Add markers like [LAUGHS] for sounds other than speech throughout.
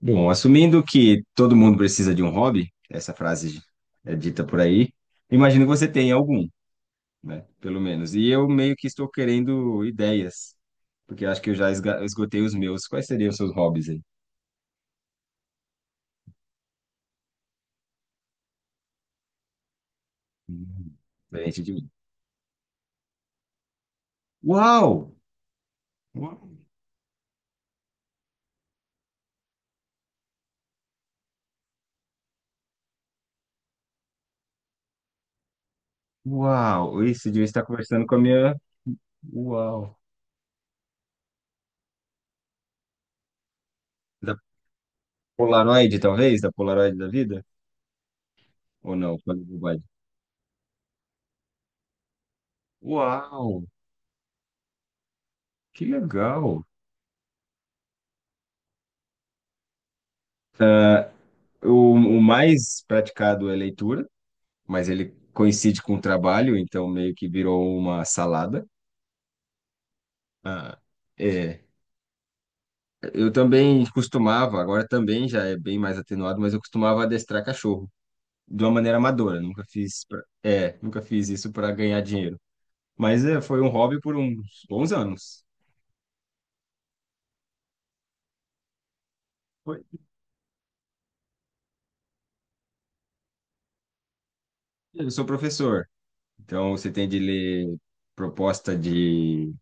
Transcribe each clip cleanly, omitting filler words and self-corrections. Bom, assumindo que todo mundo precisa de um hobby, essa frase é dita por aí, imagino que você tenha algum, né? Pelo menos. E eu meio que estou querendo ideias, porque eu acho que eu já esgotei os meus. Quais seriam os seus hobbies aí? Hum. Diferente de mim. Uau! Uau! Isso devia estar conversando com a minha. Uau! Da Polaroid, talvez? Da Polaroid da vida? Ou não? Falei bobagem. Uau! Que legal! Ah, o mais praticado é leitura, mas ele coincide com o trabalho, então meio que virou uma salada. Ah, é. Eu também costumava, agora também já é bem mais atenuado, mas eu costumava adestrar cachorro de uma maneira amadora. Nunca fiz isso para ganhar dinheiro. Mas é, foi um hobby por uns bons anos. Foi. Eu sou professor, então você tem de ler proposta de,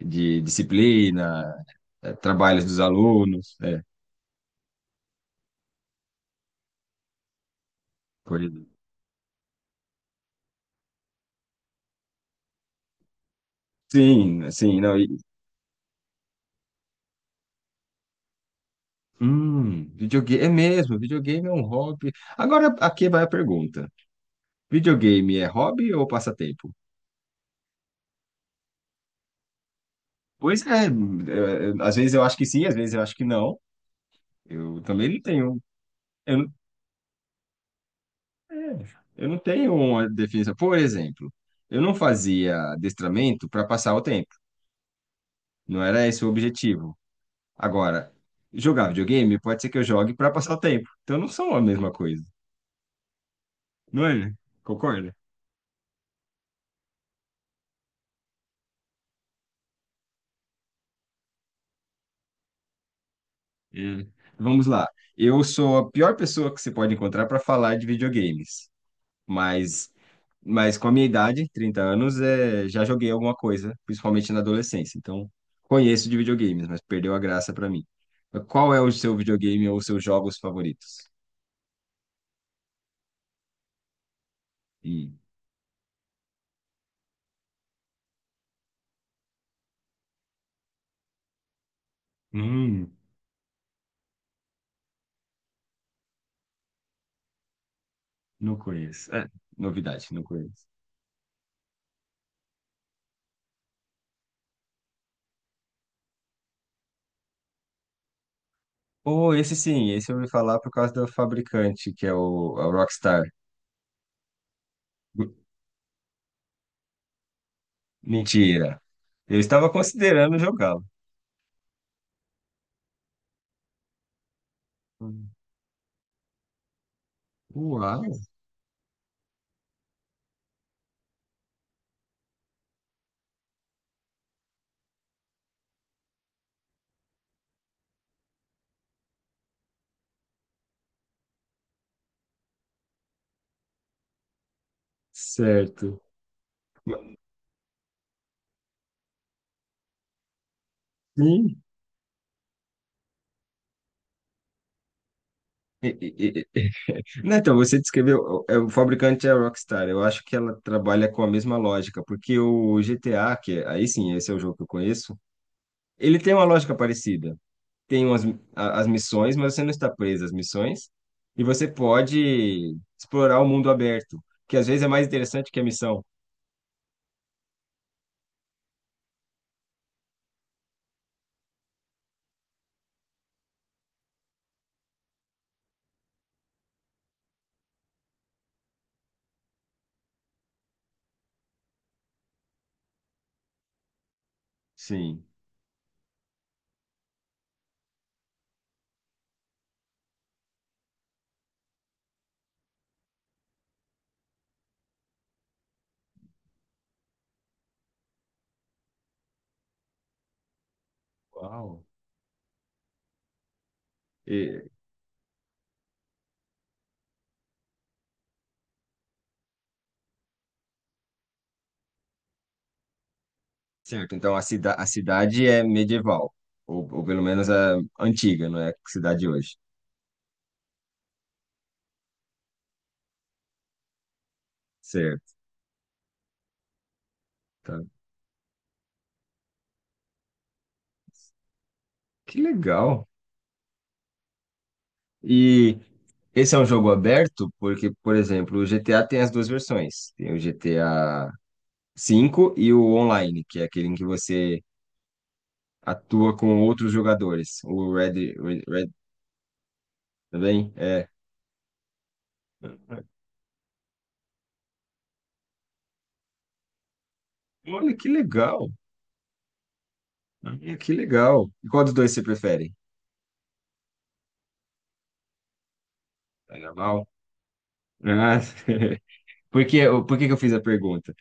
de disciplina, trabalhos dos alunos. Pois é. Sim, assim, não. Videogame é um hobby. Agora aqui vai a pergunta. Videogame é hobby ou passatempo? Pois é, às vezes eu acho que sim, às vezes eu acho que não. Eu também não tenho, eu não, é, eu não tenho uma definição. Por exemplo, eu não fazia adestramento para passar o tempo. Não era esse o objetivo. Agora, jogar videogame pode ser que eu jogue para passar o tempo. Então não são a mesma coisa, não é? Concorda? É. Vamos lá. Eu sou a pior pessoa que você pode encontrar para falar de videogames, mas, mas com a minha idade, 30 anos, já joguei alguma coisa, principalmente na adolescência. Então, conheço de videogames, mas perdeu a graça para mim. Qual é o seu videogame ou os seus jogos favoritos? E, hum, não conheço. É, novidade, não conheço. Oh, esse sim, esse eu ouvi falar por causa do fabricante, que é a Rockstar. Mentira. Eu estava considerando jogá-lo. Uau, certo. Sim. E- e- e- Não, então, você descreveu, o fabricante é a Rockstar, eu acho que ela trabalha com a mesma lógica, porque o GTA, aí sim, esse é o jogo que eu conheço, ele tem uma lógica parecida. Tem umas, as missões, mas você não está preso às missões, e você pode explorar o mundo aberto, que às vezes é mais interessante que a missão. Sim. Uau. E- Certo, então a cidade é medieval, ou pelo menos a antiga, não é a cidade hoje. Certo, tá. Que legal. E esse é um jogo aberto porque, por exemplo, o GTA tem as duas versões. Tem o GTA 5 e o online, que é aquele em que você atua com outros jogadores. O Red também é. Olha que legal. Olha que legal. E qual dos dois você prefere? Carnaval? Ah, [LAUGHS] por que, por que que eu fiz a pergunta?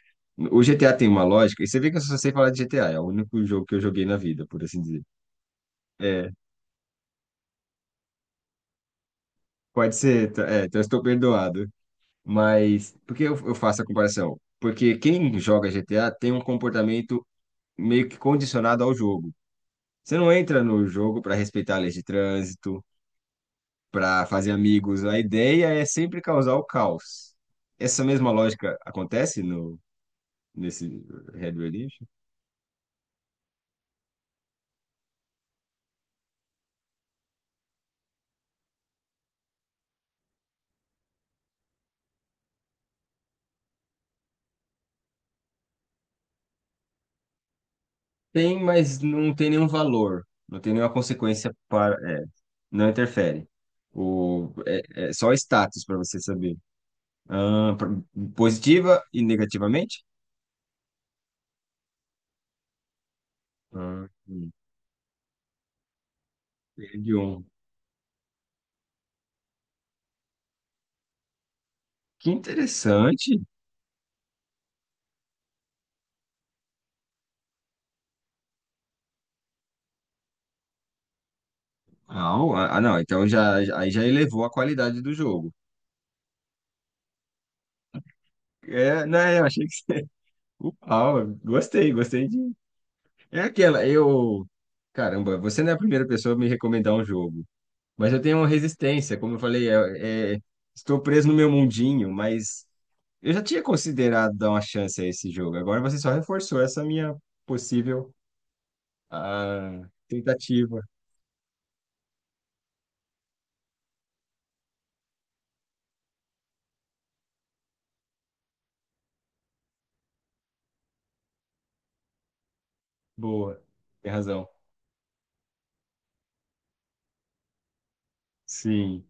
O GTA tem uma lógica, e você vê que eu só sei falar de GTA, é o único jogo que eu joguei na vida, por assim dizer. É, pode ser, então eu estou perdoado. Mas por que eu faço a comparação? Porque quem joga GTA tem um comportamento meio que condicionado ao jogo. Você não entra no jogo para respeitar a lei de trânsito, para fazer amigos. A ideia é sempre causar o caos. Essa mesma lógica acontece no nesse Red Redemption? Tem, mas não tem nenhum valor, não tem nenhuma consequência para, não interfere. O, é, É só status para você saber. Ah, positiva e negativamente? Ah, entendi um. Que interessante. Ah, não, então aí já elevou a qualidade do jogo. É, né, eu achei que você... [LAUGHS] Uau, gostei, gostei de... É aquela, eu... Caramba, você não é a primeira pessoa a me recomendar um jogo, mas eu tenho uma resistência, como eu falei, estou preso no meu mundinho, mas eu já tinha considerado dar uma chance a esse jogo, agora você só reforçou essa minha possível tentativa. Boa. Tem razão. Sim,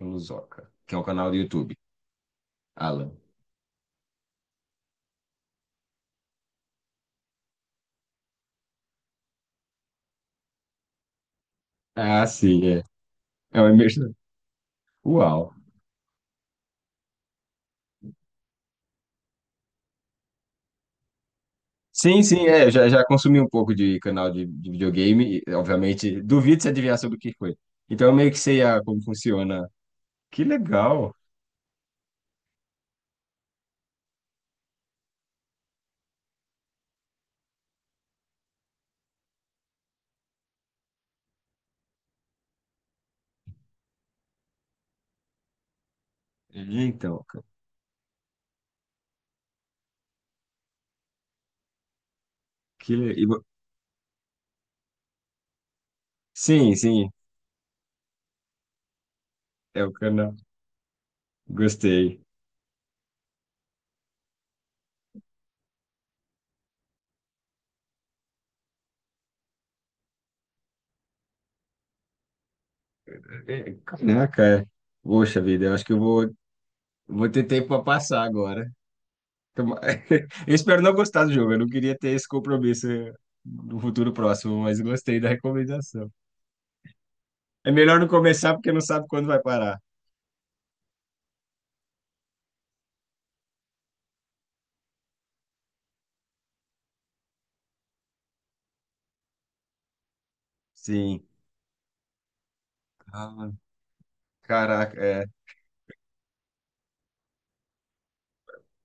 Luzoca, que é um canal do YouTube. Alan. Ah, sim, é. É uma imersão. Uau. Sim, sim, é. Eu já consumi um pouco de canal de videogame. Obviamente, duvido se adivinhar sobre o que foi. Então, eu meio que sei como funciona. Que legal. É, então. Ca- que le- e vo- Sim, sim, é o canal. Gostei. É, caraca, é. Poxa vida, eu acho que eu vou ter tempo para passar agora. Toma- [LAUGHS] Eu espero não gostar do jogo. Eu não queria ter esse compromisso no futuro próximo, mas gostei da recomendação. É melhor não começar porque não sabe quando vai parar. Sim. Ah, caraca, é,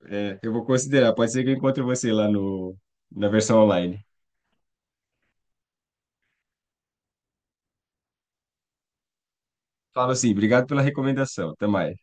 é. Eu vou considerar. Pode ser que eu encontre você lá no, na versão online. Falo assim, obrigado pela recomendação. Até mais.